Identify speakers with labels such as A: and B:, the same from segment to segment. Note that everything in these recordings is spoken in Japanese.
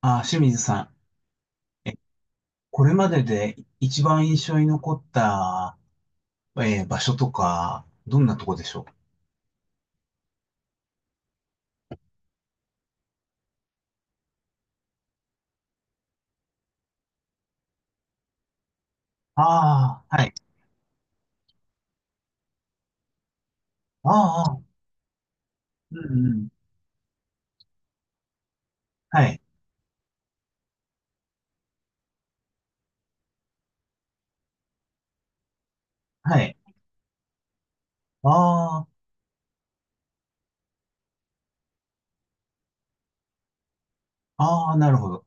A: 清水さん、これまでで一番印象に残った、場所とか、どんなとこでしょう？ああー、はい。ああ、うんうん。はい、はい。ああ、ああ、なるほど。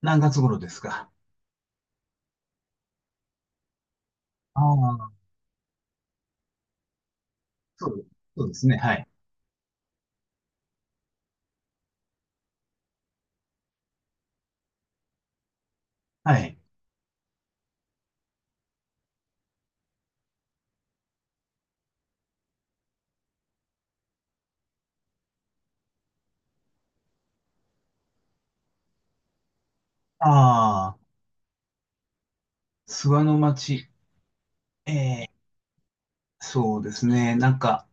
A: 何月頃ですか？ああ、そう、そうですね。はい、はい。ああ、諏訪の町。ええ、そうですね。なんか、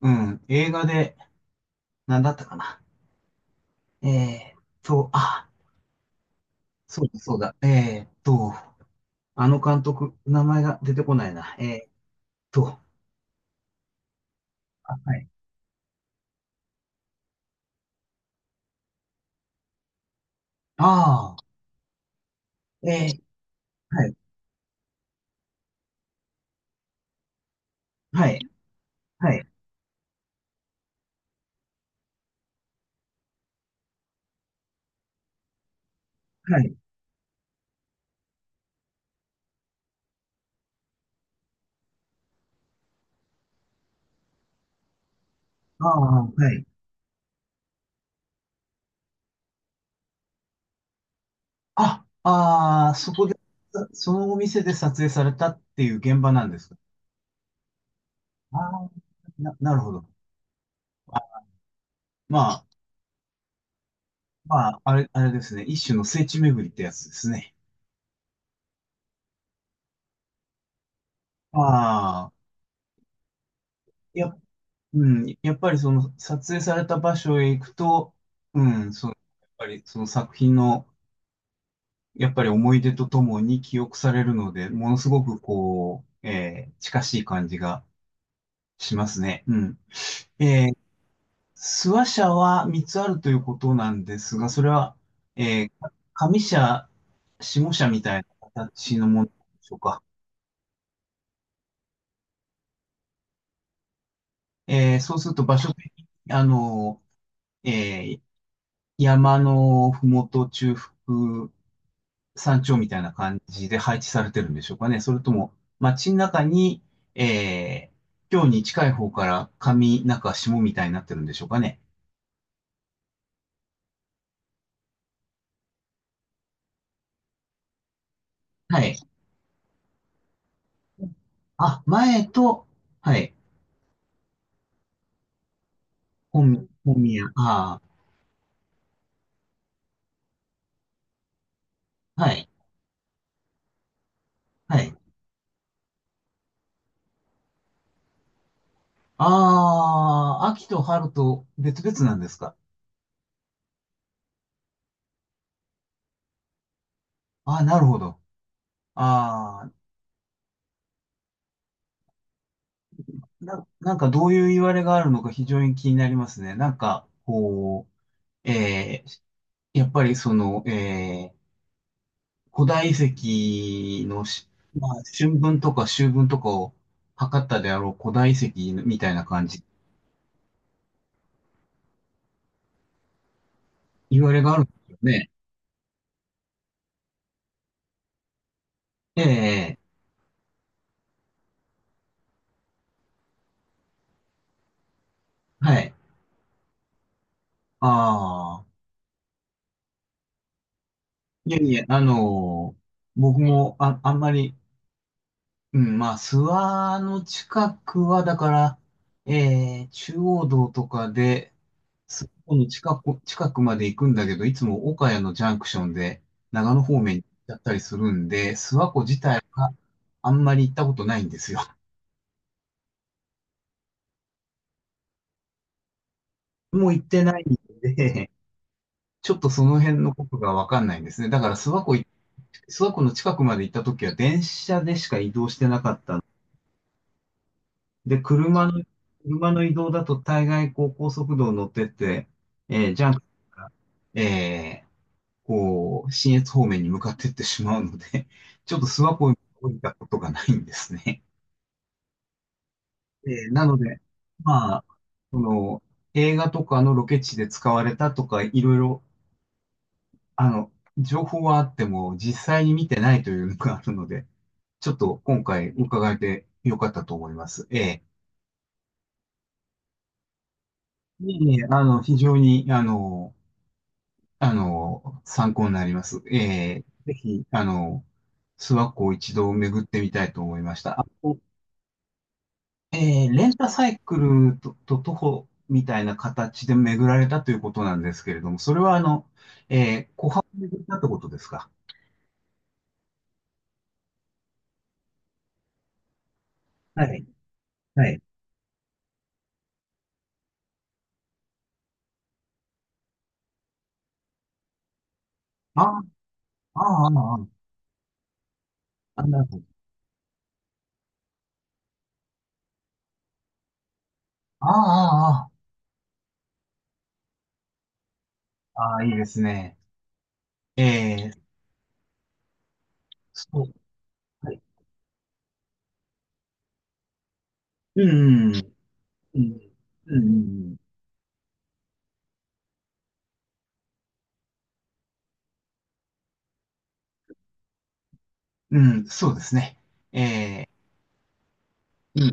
A: うん、映画で、何だったかな。ええと、あ、そうだ、そうだ。あの監督、名前が出てこないな。と、あ、はい。ああ、はい、はい、はい、はい。ああ、はい。ああ、そのお店で撮影されたっていう現場なんですか？ああ、なるほど。あ、まあ、あれですね。一種の聖地巡りってやつですね。ああ、や、うん、やっぱりその撮影された場所へ行くと、うん、そう、やっぱりその作品のやっぱり思い出とともに記憶されるので、ものすごくこう、近しい感じがしますね。うん。えー、諏訪社は3つあるということなんですが、それは、上社、下社みたいな形のものでしょうか？そうすると場所的に、あの、えー山のふもと中腹山頂みたいな感じで配置されてるんでしょうかね。それとも、街の中に、え今日に近い方から上中下みたいになってるんでしょうかね。はい。前と、はい。本宮。ああ、はい。はい。ああ、秋と春と別々なんですか？ああ、なるほど。ああ、なんかどういういわれがあるのか非常に気になりますね。なんか、こう、やっぱりその、ー古代遺跡のまあ、春分とか秋分とかを測ったであろう古代遺跡みたいな感じ、言われがあるんですよね。ええ、はい。ああ、いやいや、僕も、あんまり、うん、まあ、諏訪の近くは、だから、ええ、中央道とかで、この近く、近くまで行くんだけど、いつも岡谷のジャンクションで長野方面に行っちゃったりするんで、諏訪湖自体はあんまり行ったことないんですよ。もう行ってないんで、ちょっとその辺のことがわかんないんですね。だから諏訪湖の近くまで行った時は電車でしか移動してなかったので、車の移動だと大概こう高速道を乗ってって、ジャンクションえーこう、信越方面に向かっていってしまうので、ちょっと諏訪湖に降りたことがないんですね。なので、まあ、その、映画とかのロケ地で使われたとか、いろいろ、あの、情報はあっても、実際に見てないというのがあるので、ちょっと今回伺えてよかったと思います。ええ。いえいえあの、非常に、あの、あの、参考になります。ええ、ぜひ、あの、諏訪湖を一度巡ってみたいと思いました。レンタサイクルと徒歩みたいな形で巡られたということなんですけれども、それはあの、湖畔を巡ったってことですか？はい、はい。ああ、ああ、ああ、なるほど。ああ、ああ、ああ、いいですね。えー、そう、はい。うん、うん、うん、うん、うんうんそうですね。えうん、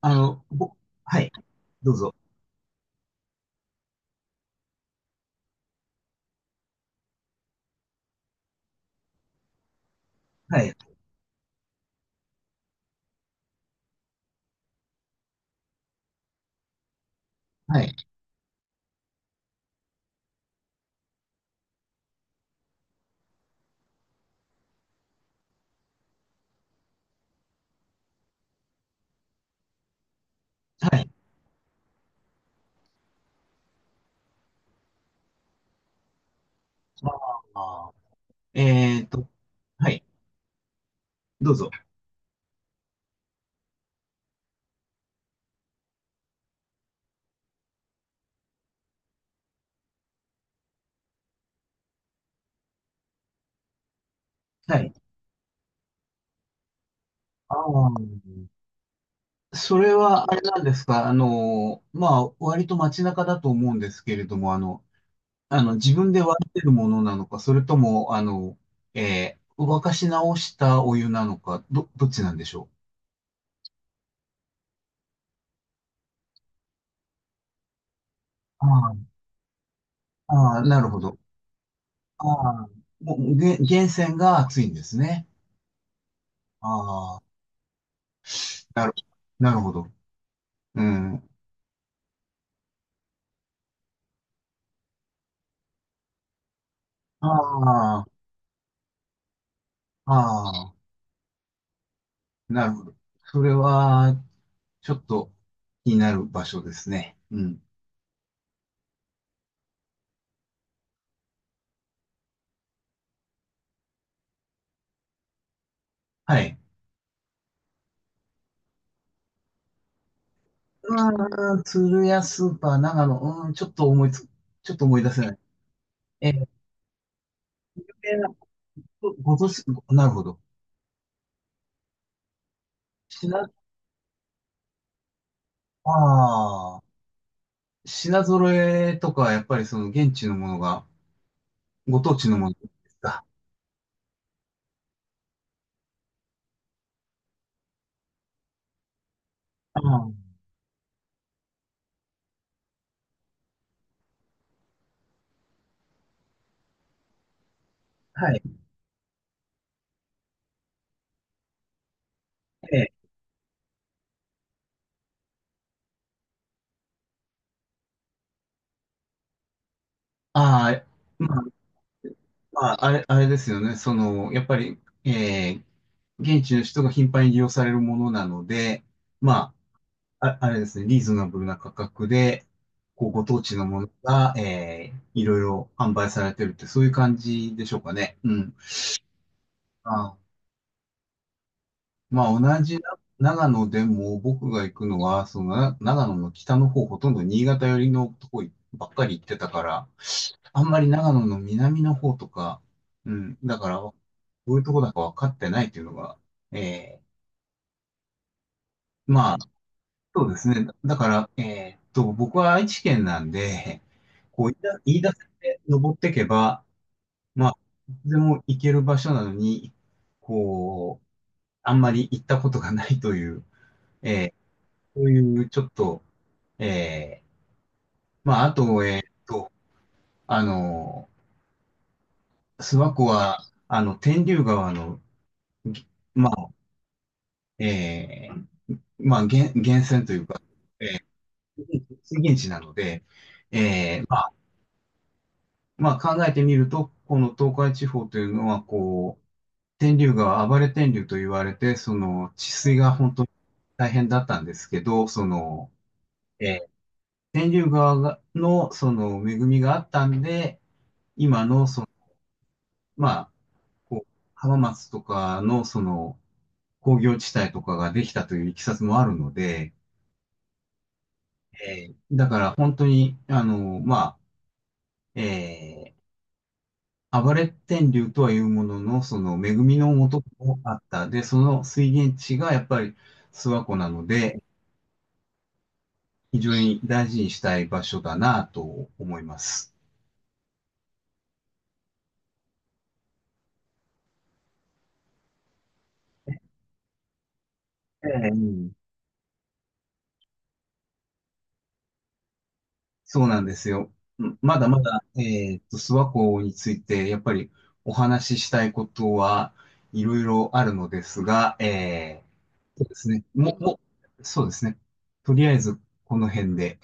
A: あの、ぼ、はい、どうぞ。はい、はい、はい。ああ、えーと、はい、どうぞ。はいああ、それはあれなんですか、あの、まあ、割と街中だと思うんですけれども、あの、あの、自分で割ってるものなのか、それとも、あの、沸かし直したお湯なのか、どっちなんでしょう？ああ、ああ、なるほど。ああ、もう、源泉が熱いんですね。ああ、なる、なるほど。うん。ああ、ああ、なるほど。それは、ちょっと気になる場所ですね。うん。はい。うん、鶴屋スーパー、長野、うん、ちょっと思い出せない。えー、有名なご存知、なるほど。品、ああ、品揃えとか、やっぱりその現地のものが、ご当地のものですか？ああ、はい。ええ、ああ、まあ、あれですよね。その、やっぱり、ええ、現地の人が頻繁に利用されるものなので、まあ、あれですね、リーズナブルな価格で、こう、ご当地のものが、いろいろ販売されてるって、そういう感じでしょうかね。うん。あ、まあ、同じ長野でも、僕が行くのは、その、長野の北の方、ほとんど新潟寄りのとこばっかり行ってたから、あんまり長野の南の方とか、うん、だから、どういうとこだか分かってないっていうのが、えまあ、そうですね。だから、僕は愛知県なんで、こう、言い出せて登っていけば、まあ、いつでも行ける場所なのに、こう、あんまり行ったことがないという、えーそういうちょっと、えーまあ、あと、あの、諏訪湖は、あの、天竜川の、ぎまあ、えーまあ、源泉というか、水源地なので、まあまあ考えてみると、この東海地方というのは、こう、天竜川、暴れ天竜と言われて、その治水が本当に大変だったんですけど、その、えー天竜川がの、その恵みがあったんで、今の、その、まあ、こう、浜松とかの、その、工業地帯とかができたといういきさつもあるので、だから本当に、あの、まあ、えー暴れ天竜とはいうものの、その恵みのう元もあった。で、その水源地がやっぱり諏訪湖なので、非常に大事にしたい場所だなと思います。ええ、うん、そうなんですよ。うんまだまだ、諏訪湖について、やっぱりお話ししたいことはいろいろあるのですが、そうですね。そうですね。とりあえず、この辺で。